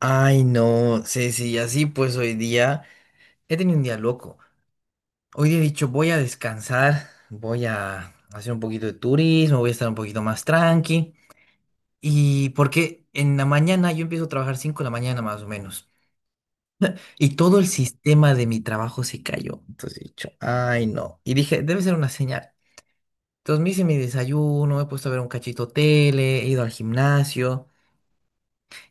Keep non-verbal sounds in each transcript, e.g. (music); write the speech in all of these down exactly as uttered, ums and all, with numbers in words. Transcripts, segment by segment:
Ay, no, Ceci, y así pues hoy día he tenido un día loco. Hoy día he dicho, voy a descansar, voy a hacer un poquito de turismo, voy a estar un poquito más tranqui. Y porque en la mañana yo empiezo a trabajar cinco de la mañana más o menos. Y todo el sistema de mi trabajo se cayó. Entonces he dicho, ay, no. Y dije, debe ser una señal. Entonces me hice mi desayuno, me he puesto a ver un cachito tele, he ido al gimnasio.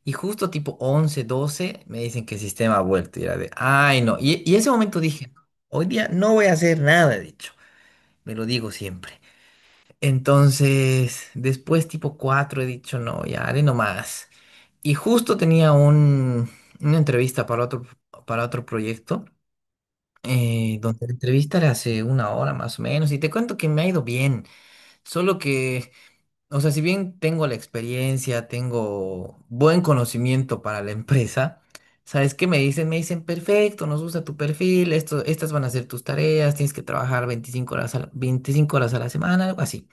Y justo tipo once doce me dicen que el sistema ha vuelto. Y era de, ay, no. Y, y ese momento dije, hoy día no voy a hacer nada, he dicho. Me lo digo siempre. Entonces, después tipo cuatro he dicho, no, ya haré nomás. Y justo tenía un, una entrevista para otro, para otro proyecto, eh, donde la entrevista era hace una hora más o menos. Y te cuento que me ha ido bien. Solo que, o sea, si bien tengo la experiencia, tengo buen conocimiento para la empresa, ¿sabes qué me dicen? Me dicen, perfecto, nos gusta tu perfil, esto, estas van a ser tus tareas, tienes que trabajar veinticinco horas a la, veinticinco horas a la semana, algo así.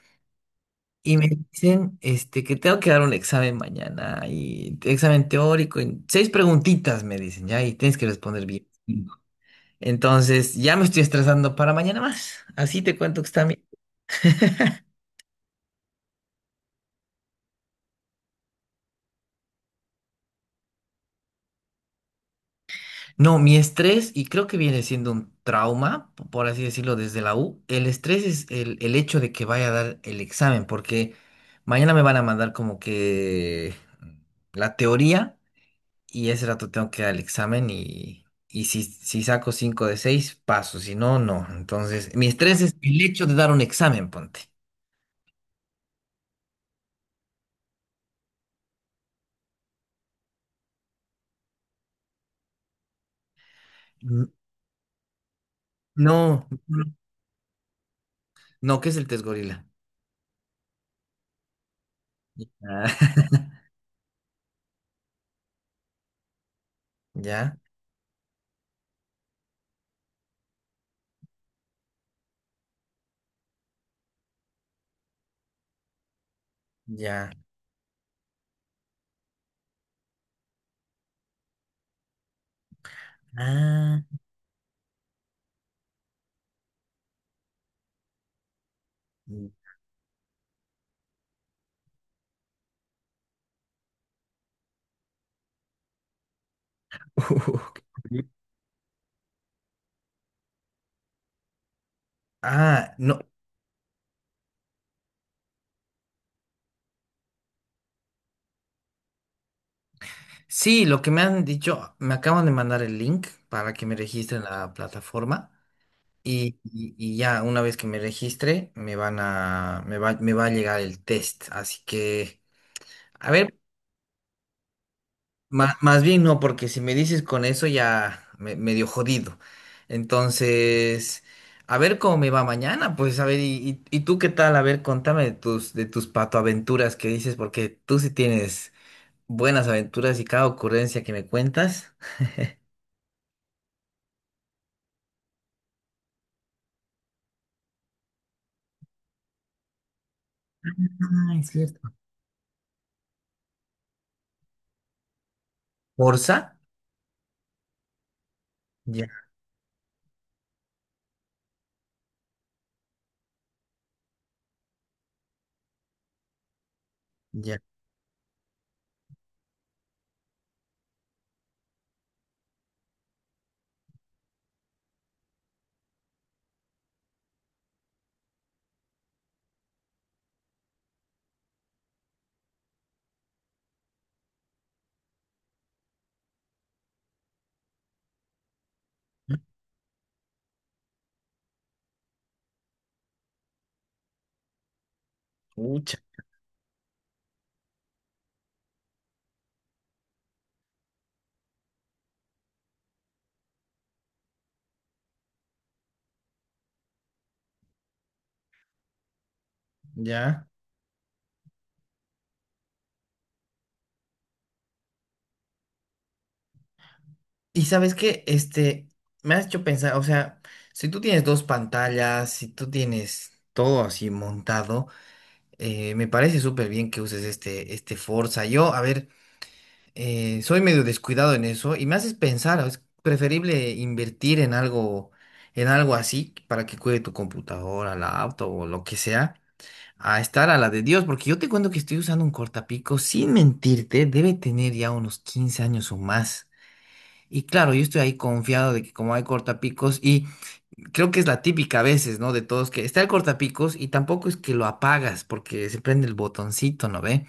Y me dicen, este, que tengo que dar un examen mañana, y examen teórico, y seis preguntitas me dicen, ya, y tienes que responder bien. Entonces, ya me estoy estresando para mañana más. Así te cuento que está mi... No, mi estrés, y creo que viene siendo un trauma, p- por así decirlo, desde la U, el estrés es el, el hecho de que vaya a dar el examen, porque mañana me van a mandar como que la teoría y ese rato tengo que dar el examen y, y si, si saco cinco de seis paso, si no, no. Entonces, mi estrés es el hecho de dar un examen, ponte. N- No, no, ¿qué es el test gorila? Ah, (laughs) ya, ya. Ah. (laughs) Ah, no. Sí, lo que me han dicho, me acaban de mandar el link para que me registre en la plataforma y, y- y ya una vez que me registre me van a, me va, me va a llegar el test. Así que, a ver, ma- más bien no, porque si me dices con eso ya me, medio jodido. Entonces, a ver cómo me va mañana, pues a ver, y, y, y tú qué tal, a ver, contame de tus, de tus patoaventuras que dices, porque tú sí tienes buenas aventuras y cada ocurrencia que me cuentas. Ah, es cierto. Forza, ya, ya, pucha, ya. Y sabes qué, este, me has hecho pensar, o sea, si tú tienes dos pantallas, si tú tienes todo así montado, eh, me parece súper bien que uses este, este Forza. Yo, a ver, eh, soy medio descuidado en eso y me haces pensar, es preferible invertir en algo, en algo así para que cuide tu computadora, la auto o lo que sea, a estar a la de Dios, porque yo te cuento que estoy usando un cortapico, sin mentirte, debe tener ya unos quince años o más. Y claro, yo estoy ahí confiado de que como hay cortapicos, y creo que es la típica a veces, ¿no? De todos, que está el cortapicos y tampoco es que lo apagas porque se prende el botoncito, ¿no ve?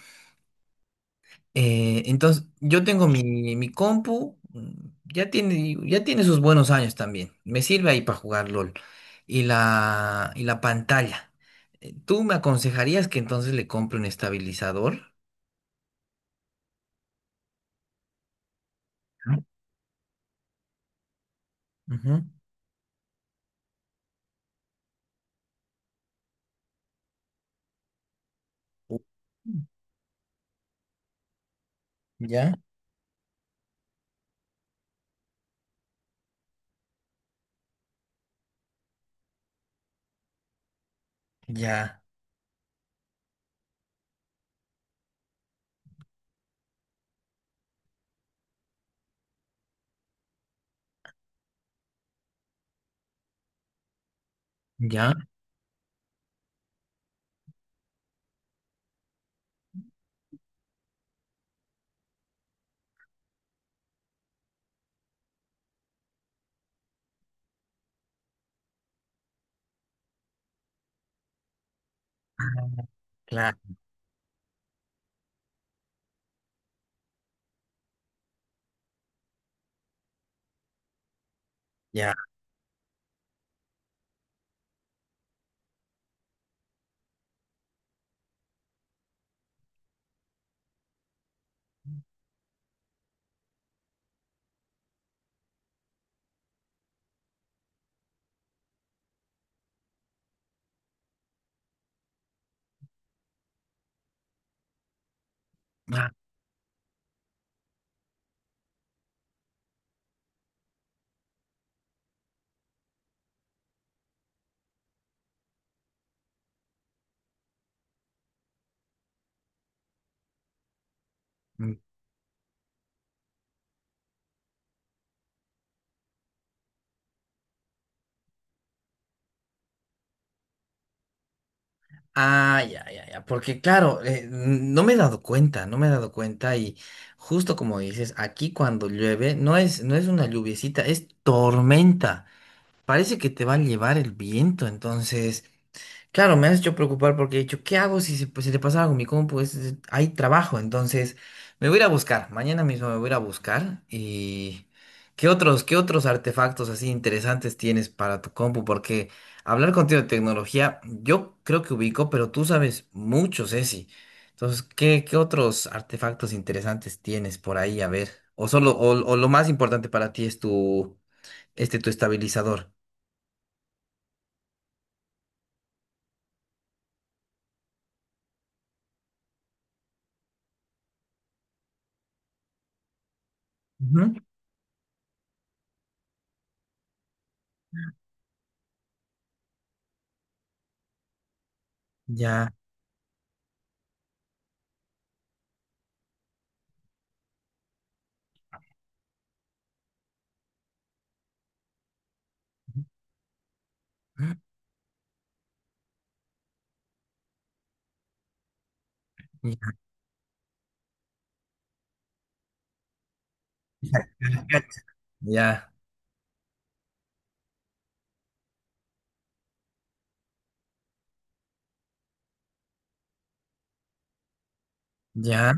Eh, entonces, yo tengo mi, mi compu, mm, ya tiene, ya tiene sus buenos años también. Me sirve ahí para jugar LOL. Y la, y la pantalla. Eh, ¿Tú me aconsejarías que entonces le compre un estabilizador? Ujú. U- Ya, ya, ya, claro, ya. ah, Ah, ya, ya, ya, porque claro, eh, no me he dado cuenta, no me he dado cuenta y justo como dices, aquí cuando llueve no es, no es una lluviecita, es tormenta. Parece que te va a llevar el viento, entonces... Claro, me has hecho preocupar porque he dicho, ¿qué hago si se, pues, se le pasa algo a mi compu? Es- es- hay trabajo, entonces me voy a ir a buscar. Mañana mismo me voy a ir a buscar. ¿Y qué otros, qué otros artefactos así interesantes tienes para tu compu? Porque hablar contigo de tecnología, yo creo que ubico, pero tú sabes mucho, Ceci. Entonces, ¿qué, ¿qué otros artefactos interesantes tienes por ahí? A ver, o solo, o, o lo más importante para ti es tu, este, tu estabilizador. Ujú. Ya. Ya. Ya, ya.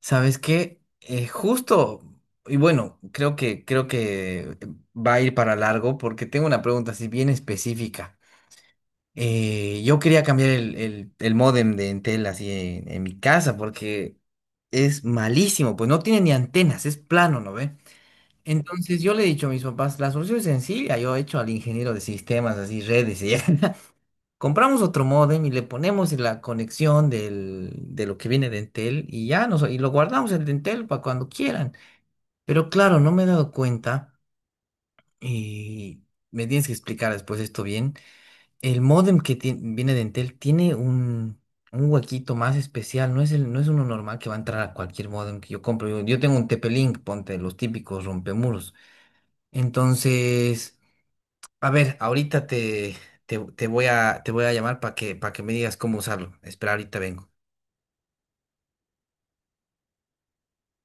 ¿Sabes qué? Eh, justo, y bueno, creo que, creo que va a ir para largo porque tengo una pregunta así bien específica. Eh, yo quería cambiar el, el, el módem de Entel así en, en mi casa porque es malísimo, pues no tiene ni antenas, es plano, ¿no ve? Entonces yo le he dicho a mis papás, la solución es sencilla, yo he hecho al ingeniero de sistemas, así redes, y (laughs) compramos otro módem y le ponemos la conexión del, de lo que viene de Entel y ya nos, y lo guardamos el de Entel para cuando quieran. Pero claro, no me he dado cuenta y me tienes que explicar después esto bien. El módem que ti- viene de Entel tiene un, un huequito más especial, no es, el, no es uno normal que va a entrar a cualquier módem que yo compro. Yo, yo tengo un T P-Link, ponte los típicos rompemuros. Entonces, a ver, ahorita te, te, te voy a, te voy a llamar para que, para que me digas cómo usarlo. Espera, ahorita vengo.